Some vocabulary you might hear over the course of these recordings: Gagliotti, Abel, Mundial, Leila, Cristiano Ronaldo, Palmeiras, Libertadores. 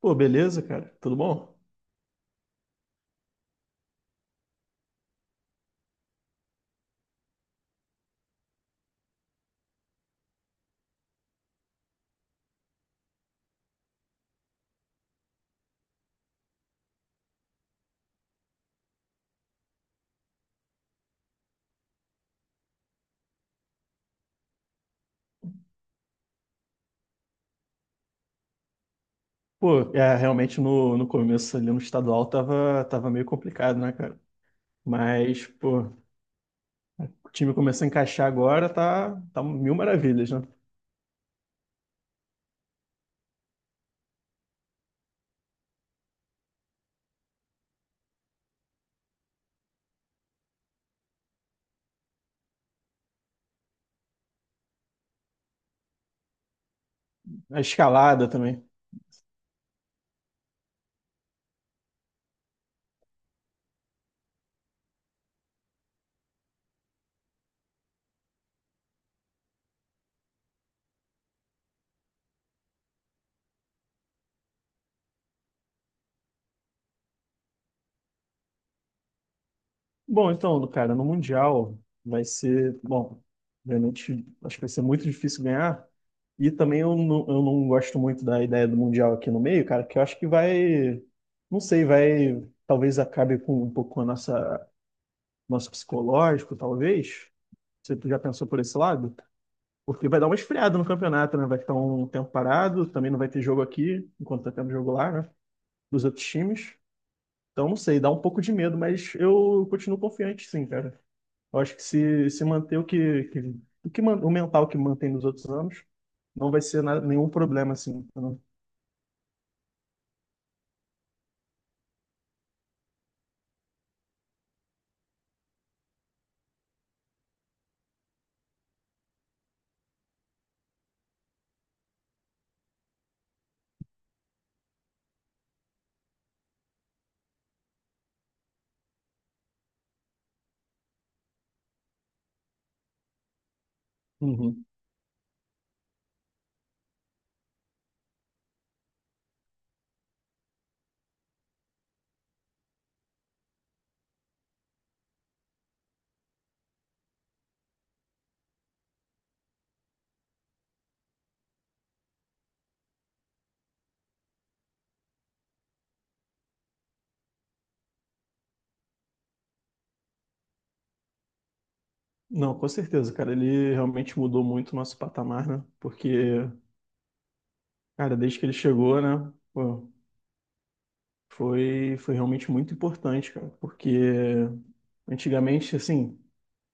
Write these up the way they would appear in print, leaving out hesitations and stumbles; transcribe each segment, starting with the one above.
Pô, beleza, cara? Tudo bom? Pô, é, realmente no começo ali no estadual tava meio complicado, né, cara? Mas, pô, o time começou a encaixar agora, tá, tá mil maravilhas, né? A escalada também. Bom, então, cara, no Mundial vai ser, bom, realmente acho que vai ser muito difícil ganhar. E também eu não gosto muito da ideia do Mundial aqui no meio, cara, que eu acho que vai, não sei, vai, talvez acabe com um pouco com a nossa, nosso psicológico, talvez. Você já pensou por esse lado? Porque vai dar uma esfriada no campeonato, né? Vai ficar um tempo parado, também não vai ter jogo aqui, enquanto tá tendo jogo lá, né? Dos outros times. Então, não sei, dá um pouco de medo, mas eu continuo confiante, sim, cara. Eu acho que se manter o que o mental que mantém nos outros anos, não vai ser nenhum problema, assim. Entendeu? Uhum. Não, com certeza, cara. Ele realmente mudou muito o nosso patamar, né? Porque, cara, desde que ele chegou, né? Pô, foi realmente muito importante, cara. Porque antigamente, assim,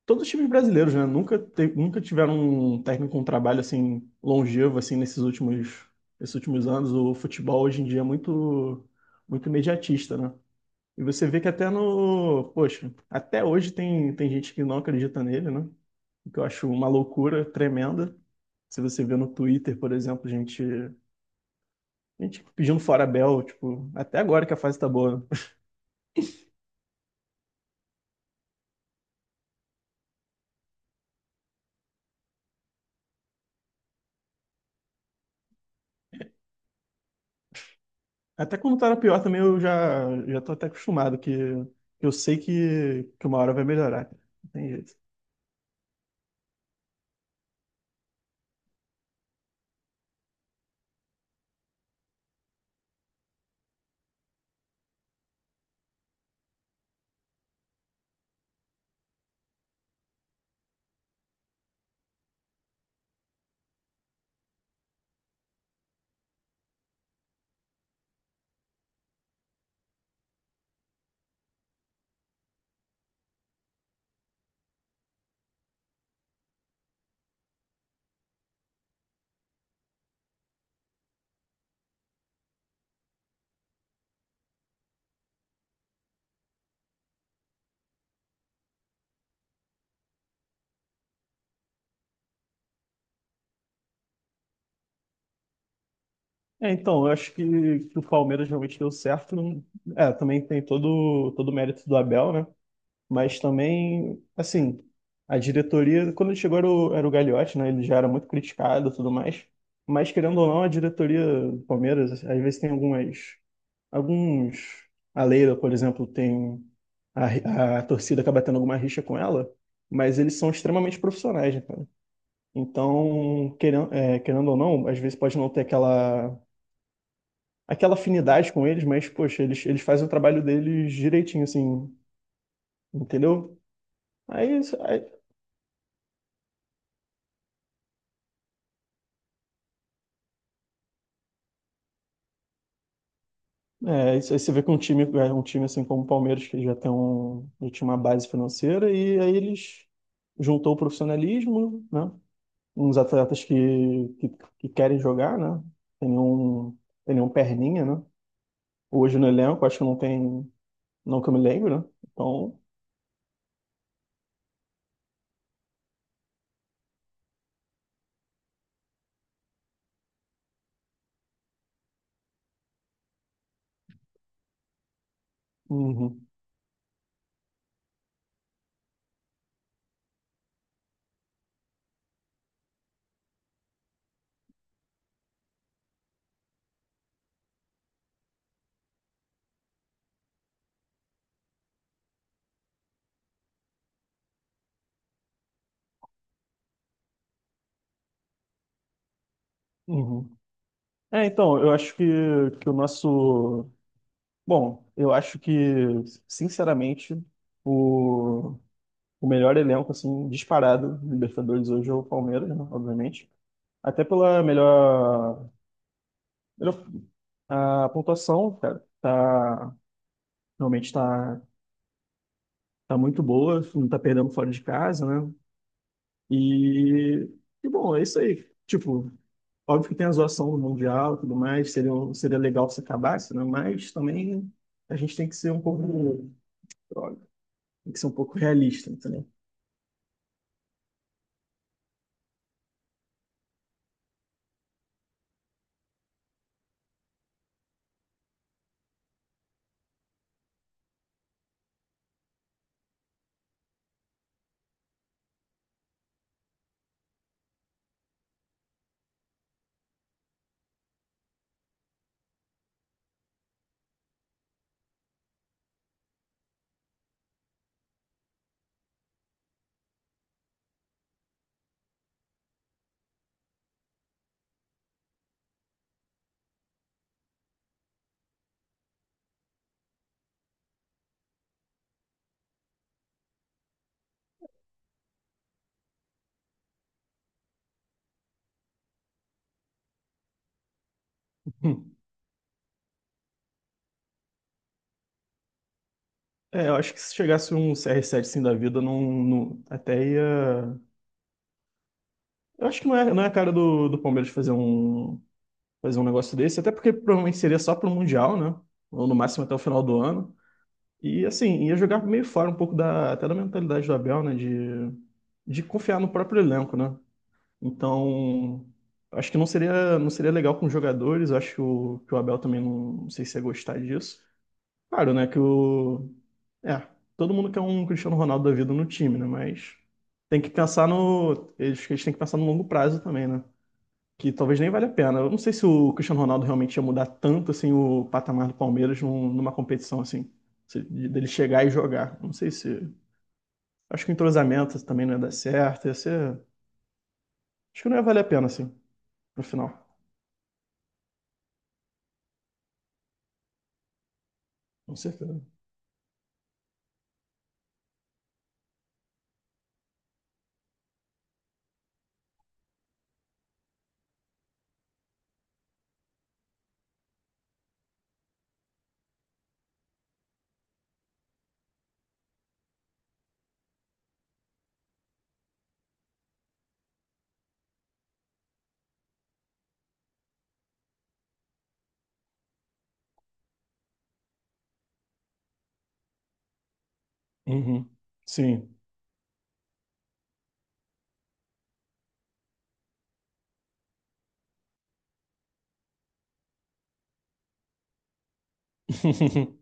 todos os times brasileiros, né? Nunca tiveram um técnico com um trabalho assim longevo assim nesses últimos, esses últimos anos. O futebol hoje em dia é muito, muito imediatista, né? E você vê que até no, poxa, até hoje tem, tem gente que não acredita nele, né? O que eu acho uma loucura tremenda. Se você vê no Twitter, por exemplo, gente, gente pedindo fora Bel, tipo, até agora que a fase tá boa. Né? Até quando tá era pior também, eu já, já tô até acostumado, que eu sei que uma hora vai melhorar, cara. Não tem jeito. É, então, eu acho que o Palmeiras realmente deu certo. É, também tem todo, todo o mérito do Abel, né? Mas também, assim, a diretoria, quando ele chegou era o Gagliotti, né? Ele já era muito criticado e tudo mais. Mas, querendo ou não, a diretoria do Palmeiras, às vezes tem algumas alguns. A Leila, por exemplo, tem. A torcida acaba tendo alguma rixa com ela, mas eles são extremamente profissionais, né, cara? Então, querendo, é, querendo ou não, às vezes pode não ter aquela, aquela afinidade com eles, mas, poxa, eles fazem o trabalho deles direitinho, assim, entendeu? Aí, isso- aí, é, isso aí você vê que um time, é, um time assim como o Palmeiras, que já tem um, já tinha uma base financeira, e aí eles juntou o profissionalismo, né? Uns atletas que querem jogar, né? Tem um, tem um perninha, né? Hoje no elenco, acho que não tem, não que eu me lembro, né? Então, uhum, uhum. É, então, eu acho que o nosso, bom, eu acho que, sinceramente, o, o melhor elenco, assim, disparado do Libertadores hoje é o Palmeiras, né? Obviamente. Até pela melhor, melhor a pontuação, cara, tá, realmente tá, tá muito boa, não tá perdendo fora de casa, né? E, e bom, é isso aí. Tipo, óbvio que tem a zoação do Mundial e tudo mais, seria, seria legal se acabasse, né? Mas também a gente tem que ser um pouco, droga, tem que ser um pouco realista, entendeu? Hum. É, eu acho que se chegasse um CR7 assim da vida, até ia. Eu acho que não é a cara do, do Palmeiras fazer um negócio desse, até porque provavelmente seria só pro Mundial, né? Ou no máximo até o final do ano. E assim, ia jogar meio fora um pouco da, até da mentalidade do Abel, né? De confiar no próprio elenco, né? Então, acho que não seria, não seria legal com os jogadores. Acho que o Abel também não, não sei se ia gostar disso. Claro, né? Que o. É, todo mundo quer um Cristiano Ronaldo da vida no time, né? Mas tem que pensar no. Eles têm que pensar no longo prazo também, né? Que talvez nem valha a pena. Eu não sei se o Cristiano Ronaldo realmente ia mudar tanto assim o patamar do Palmeiras numa competição assim, dele chegar e jogar. Não sei se. Acho que o entrosamento também não ia dar certo. Ia ser... Acho que não ia valer a pena assim, no final. Com certeza. Uhum. Sim.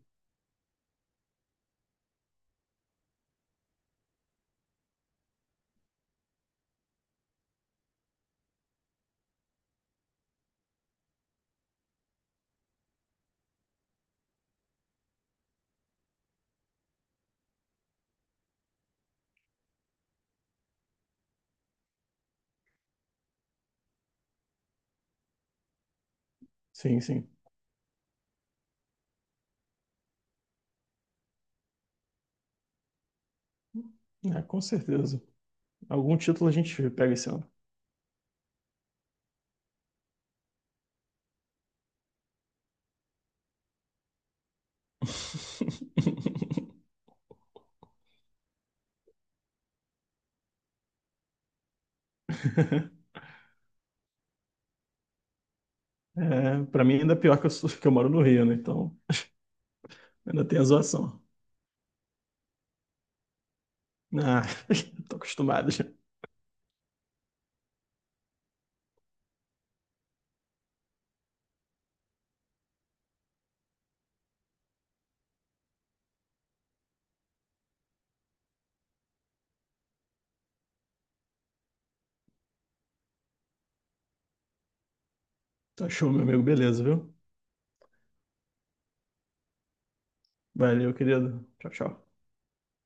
Sim, sim. É, com certeza. Algum título a gente pega esse ano. É, para mim ainda é pior que que eu moro no Rio, né? Então ainda tem a zoação. Ah, tô acostumado já. Tá show, meu amigo. Beleza, viu? Valeu, querido. Tchau, tchau.